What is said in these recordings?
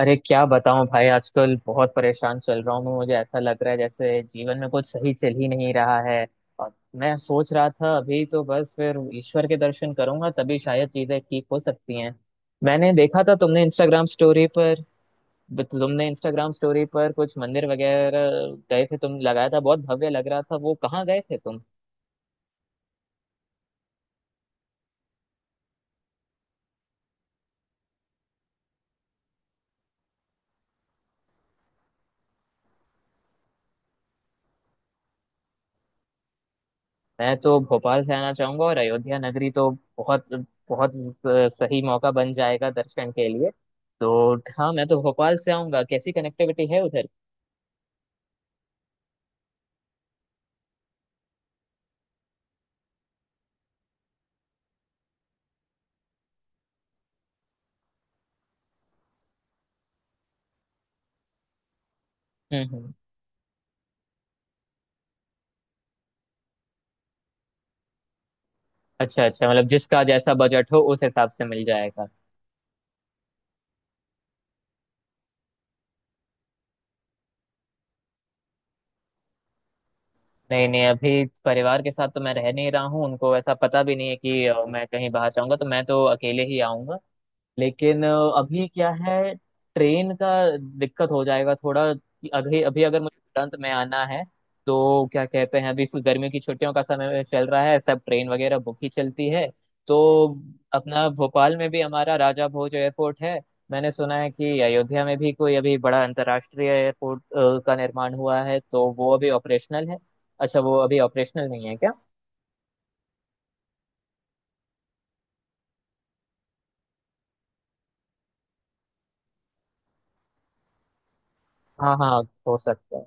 अरे क्या बताऊं भाई, आजकल बहुत परेशान चल रहा हूँ मैं। मुझे ऐसा लग रहा है जैसे जीवन में कुछ सही चल ही नहीं रहा है। और मैं सोच रहा था अभी तो बस फिर ईश्वर के दर्शन करूंगा तभी शायद चीजें ठीक हो सकती हैं। मैंने देखा था, तुमने इंस्टाग्राम स्टोरी पर कुछ मंदिर वगैरह गए थे तुम, लगाया था। बहुत भव्य लग रहा था। वो कहाँ गए थे? मैं तो भोपाल से आना चाहूंगा, और अयोध्या नगरी तो बहुत बहुत सही मौका बन जाएगा दर्शन के लिए। तो हाँ, मैं तो भोपाल से आऊंगा। कैसी कनेक्टिविटी है उधर? हम्म, हम्म। अच्छा अच्छा, मतलब जिसका जैसा बजट हो उस हिसाब से मिल जाएगा। नहीं नहीं, अभी परिवार के साथ तो मैं रह नहीं रहा हूँ। उनको ऐसा पता भी नहीं है कि मैं कहीं बाहर जाऊंगा, तो मैं तो अकेले ही आऊंगा। लेकिन अभी क्या है, ट्रेन का दिक्कत हो जाएगा थोड़ा, कि अभी अभी अगर मुझे तुरंत में आना है। तो क्या कहते हैं, अभी इस गर्मियों की छुट्टियों का समय चल रहा है, सब ट्रेन वगैरह बुक ही चलती है। तो अपना भोपाल में भी हमारा राजा भोज एयरपोर्ट है। मैंने सुना है कि अयोध्या में भी कोई अभी बड़ा अंतर्राष्ट्रीय एयरपोर्ट का निर्माण हुआ है, तो वो अभी ऑपरेशनल है। अच्छा, वो अभी ऑपरेशनल नहीं है क्या? हाँ हाँ, हो सकता है।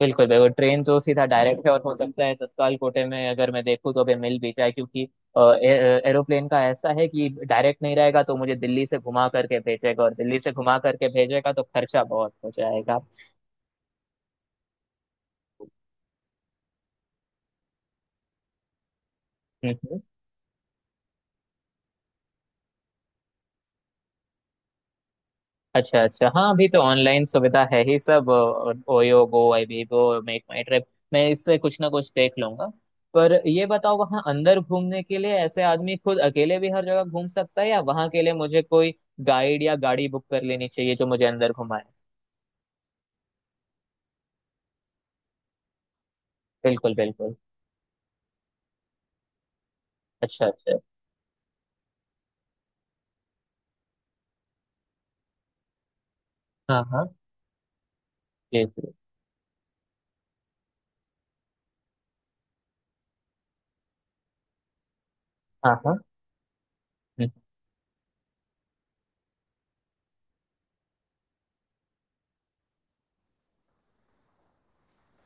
बिल्कुल बिल्कुल, ट्रेन तो सीधा डायरेक्ट है, और हो सकता है तत्काल कोटे में अगर मैं देखूँ तो भी मिल भी जाए, क्योंकि एरोप्लेन का ऐसा है कि डायरेक्ट नहीं रहेगा, तो मुझे दिल्ली से घुमा करके भेजेगा, और दिल्ली से घुमा करके भेजेगा तो खर्चा बहुत हो जाएगा। हम्म, हम्म। अच्छा अच्छा, हाँ, अभी तो ऑनलाइन सुविधा है ही सब। OYO, Goibibo, MakeMyTrip, मैं इससे कुछ ना कुछ देख लूंगा। पर ये बताओ, वहाँ अंदर घूमने के लिए ऐसे आदमी खुद अकेले भी हर जगह घूम सकता है, या वहाँ के लिए मुझे कोई गाइड या गाड़ी बुक कर लेनी चाहिए जो मुझे अंदर घुमाए? बिल्कुल बिल्कुल। अच्छा अच्छा। हाँ हाँ, बिल्कुल। हाँ हाँ। हम्म।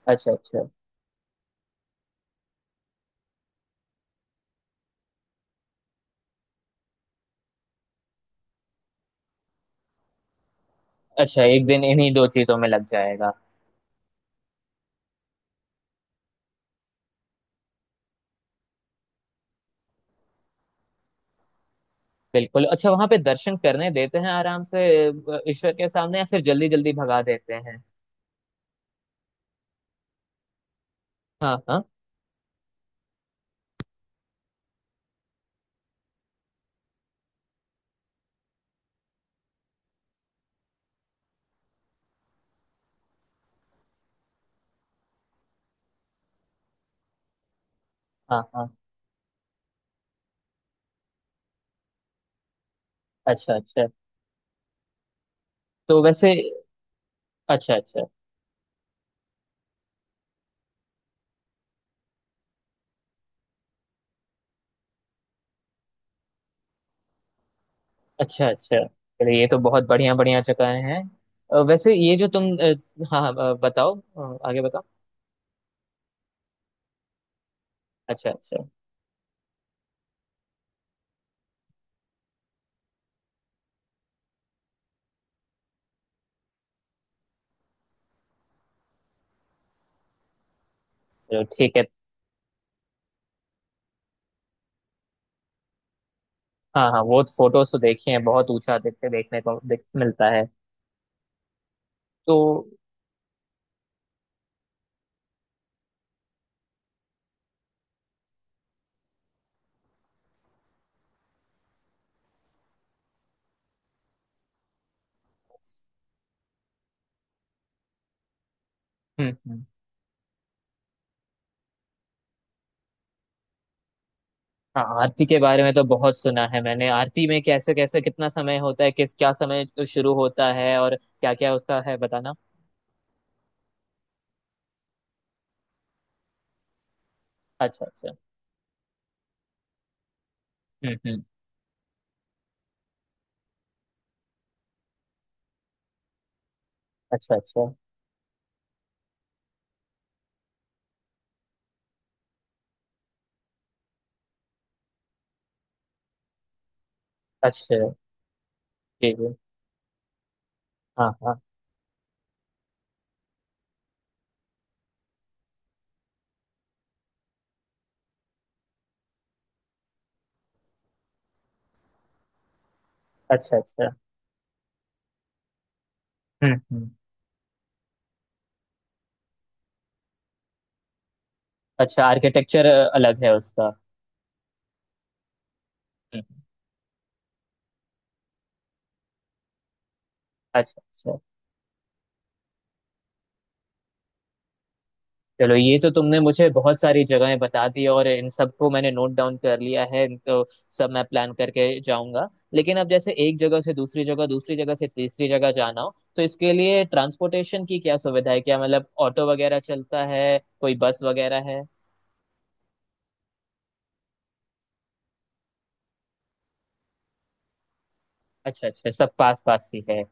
अच्छा अच्छा। अच्छा, एक दिन इन्हीं दो चीजों में लग जाएगा। बिल्कुल। अच्छा, वहां पे दर्शन करने देते हैं आराम से ईश्वर के सामने, या फिर जल्दी जल्दी भगा देते हैं? हाँ हाँ हाँ हाँ। अच्छा अच्छा। तो वैसे, अच्छा अच्छा। अच्छा अच्छा। चलिए, ये तो बहुत बढ़िया बढ़िया जगह हैं। वैसे ये जो तुम, हाँ हाँ, बताओ आगे बताओ। अच्छा अच्छा। चलो ठीक है। हाँ हाँ, वो फोटोज तो देखे हैं, बहुत ऊंचा देखते देखने को देख, मिलता है। तो हम्म। हाँ, आरती के बारे में तो बहुत सुना है मैंने। आरती में कैसे कैसे कितना समय होता है, किस क्या समय तो शुरू होता है, और क्या क्या उसका है, बताना। अच्छा अच्छा। हम्म। अच्छा अच्छा। अच्छा ठीक है। हाँ हाँ। अच्छा अच्छा। हम्म। अच्छा, आर्किटेक्चर अलग है उसका। हम्म। अच्छा अच्छा। चलो, ये तो तुमने मुझे बहुत सारी जगहें बता दी, और इन सबको मैंने नोट डाउन कर लिया है, तो सब मैं प्लान करके जाऊंगा। लेकिन अब जैसे एक जगह से दूसरी जगह, दूसरी जगह से तीसरी जगह जाना हो, तो इसके लिए ट्रांसपोर्टेशन की क्या सुविधा है? क्या मतलब ऑटो वगैरह चलता है, कोई बस वगैरह है? अच्छा अच्छा, सब पास पास ही है।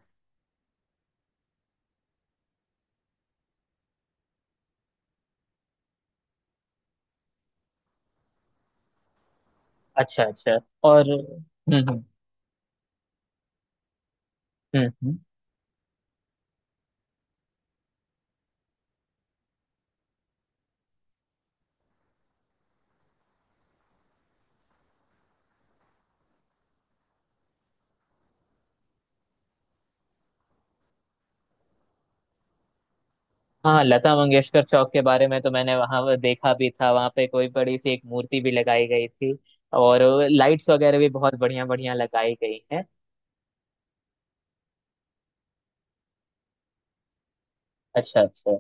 अच्छा अच्छा। और हम्म। हम्म हम्म। हाँ, लता मंगेशकर चौक के बारे में तो मैंने वहां देखा भी था, वहां पे कोई बड़ी सी एक मूर्ति भी लगाई गई थी। और लाइट्स वगैरह भी बहुत बढ़िया बढ़िया लगाई गई हैं। अच्छा अच्छा।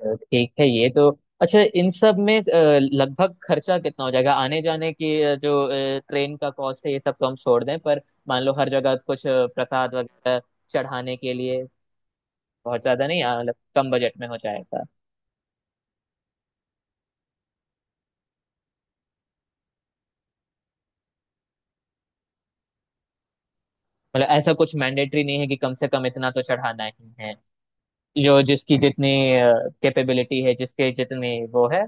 ठीक है, ये तो, अच्छा इन सब में लगभग खर्चा कितना हो जाएगा? आने जाने की जो ट्रेन का कॉस्ट है ये सब तो हम छोड़ दें, पर मान लो हर जगह कुछ प्रसाद वगैरह चढ़ाने के लिए, बहुत ज्यादा नहीं, मतलब कम बजट में हो जाएगा? मतलब ऐसा कुछ मैंडेटरी नहीं है कि कम से कम इतना तो चढ़ाना ही है? जो जिसकी जितनी कैपेबिलिटी है, जिसके जितनी वो है।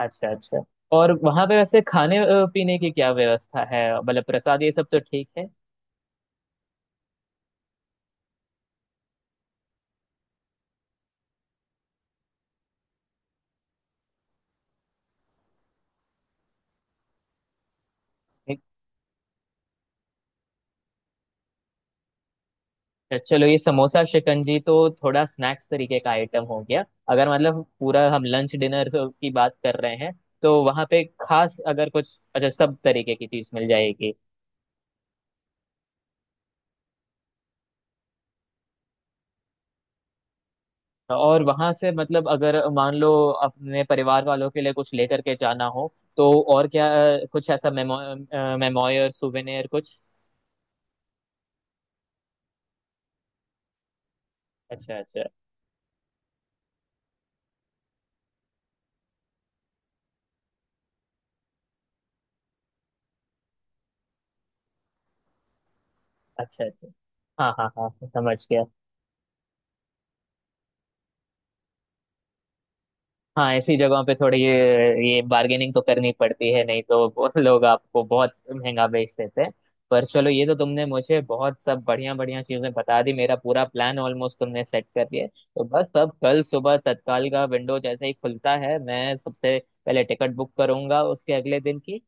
अच्छा अच्छा। और वहां पे वैसे खाने पीने की क्या व्यवस्था है? मतलब प्रसाद ये सब तो ठीक है, एक- चलो ये समोसा शिकंजी तो थोड़ा स्नैक्स तरीके का आइटम हो गया। अगर मतलब पूरा हम लंच डिनर की बात कर रहे हैं, तो वहां पे खास अगर कुछ अच्छा, सब तरीके की चीज मिल जाएगी? और वहां से मतलब अगर मान लो अपने परिवार वालों के लिए कुछ लेकर के जाना हो, तो और क्या? कुछ ऐसा मेमोयर, सुवेनियर कुछ। अच्छा अच्छा। अच्छा अच्छा। हाँ हाँ हाँ, समझ गया। हाँ, ऐसी जगहों पे थोड़ी ये बार्गेनिंग तो करनी पड़ती है, नहीं तो बहुत लोग आपको बहुत महंगा बेच देते हैं। पर चलो, ये तो तुमने मुझे बहुत सब बढ़िया बढ़िया चीजें बता दी, मेरा पूरा प्लान ऑलमोस्ट तुमने सेट कर दिया है। तो बस अब कल सुबह तत्काल का विंडो जैसे ही खुलता है, मैं सबसे पहले टिकट बुक करूंगा उसके अगले दिन की।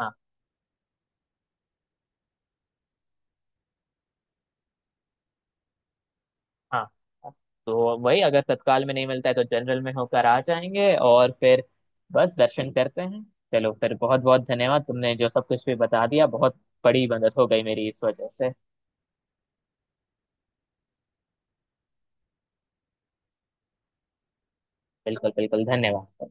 हाँ हाँ। तो वही अगर तत्काल में नहीं मिलता है तो जनरल में होकर आ जाएंगे, और फिर बस दर्शन करते हैं। चलो फिर, बहुत बहुत धन्यवाद, तुमने जो सब कुछ भी बता दिया बहुत बड़ी मदद हो गई मेरी इस वजह से। बिल्कुल बिल्कुल, धन्यवाद।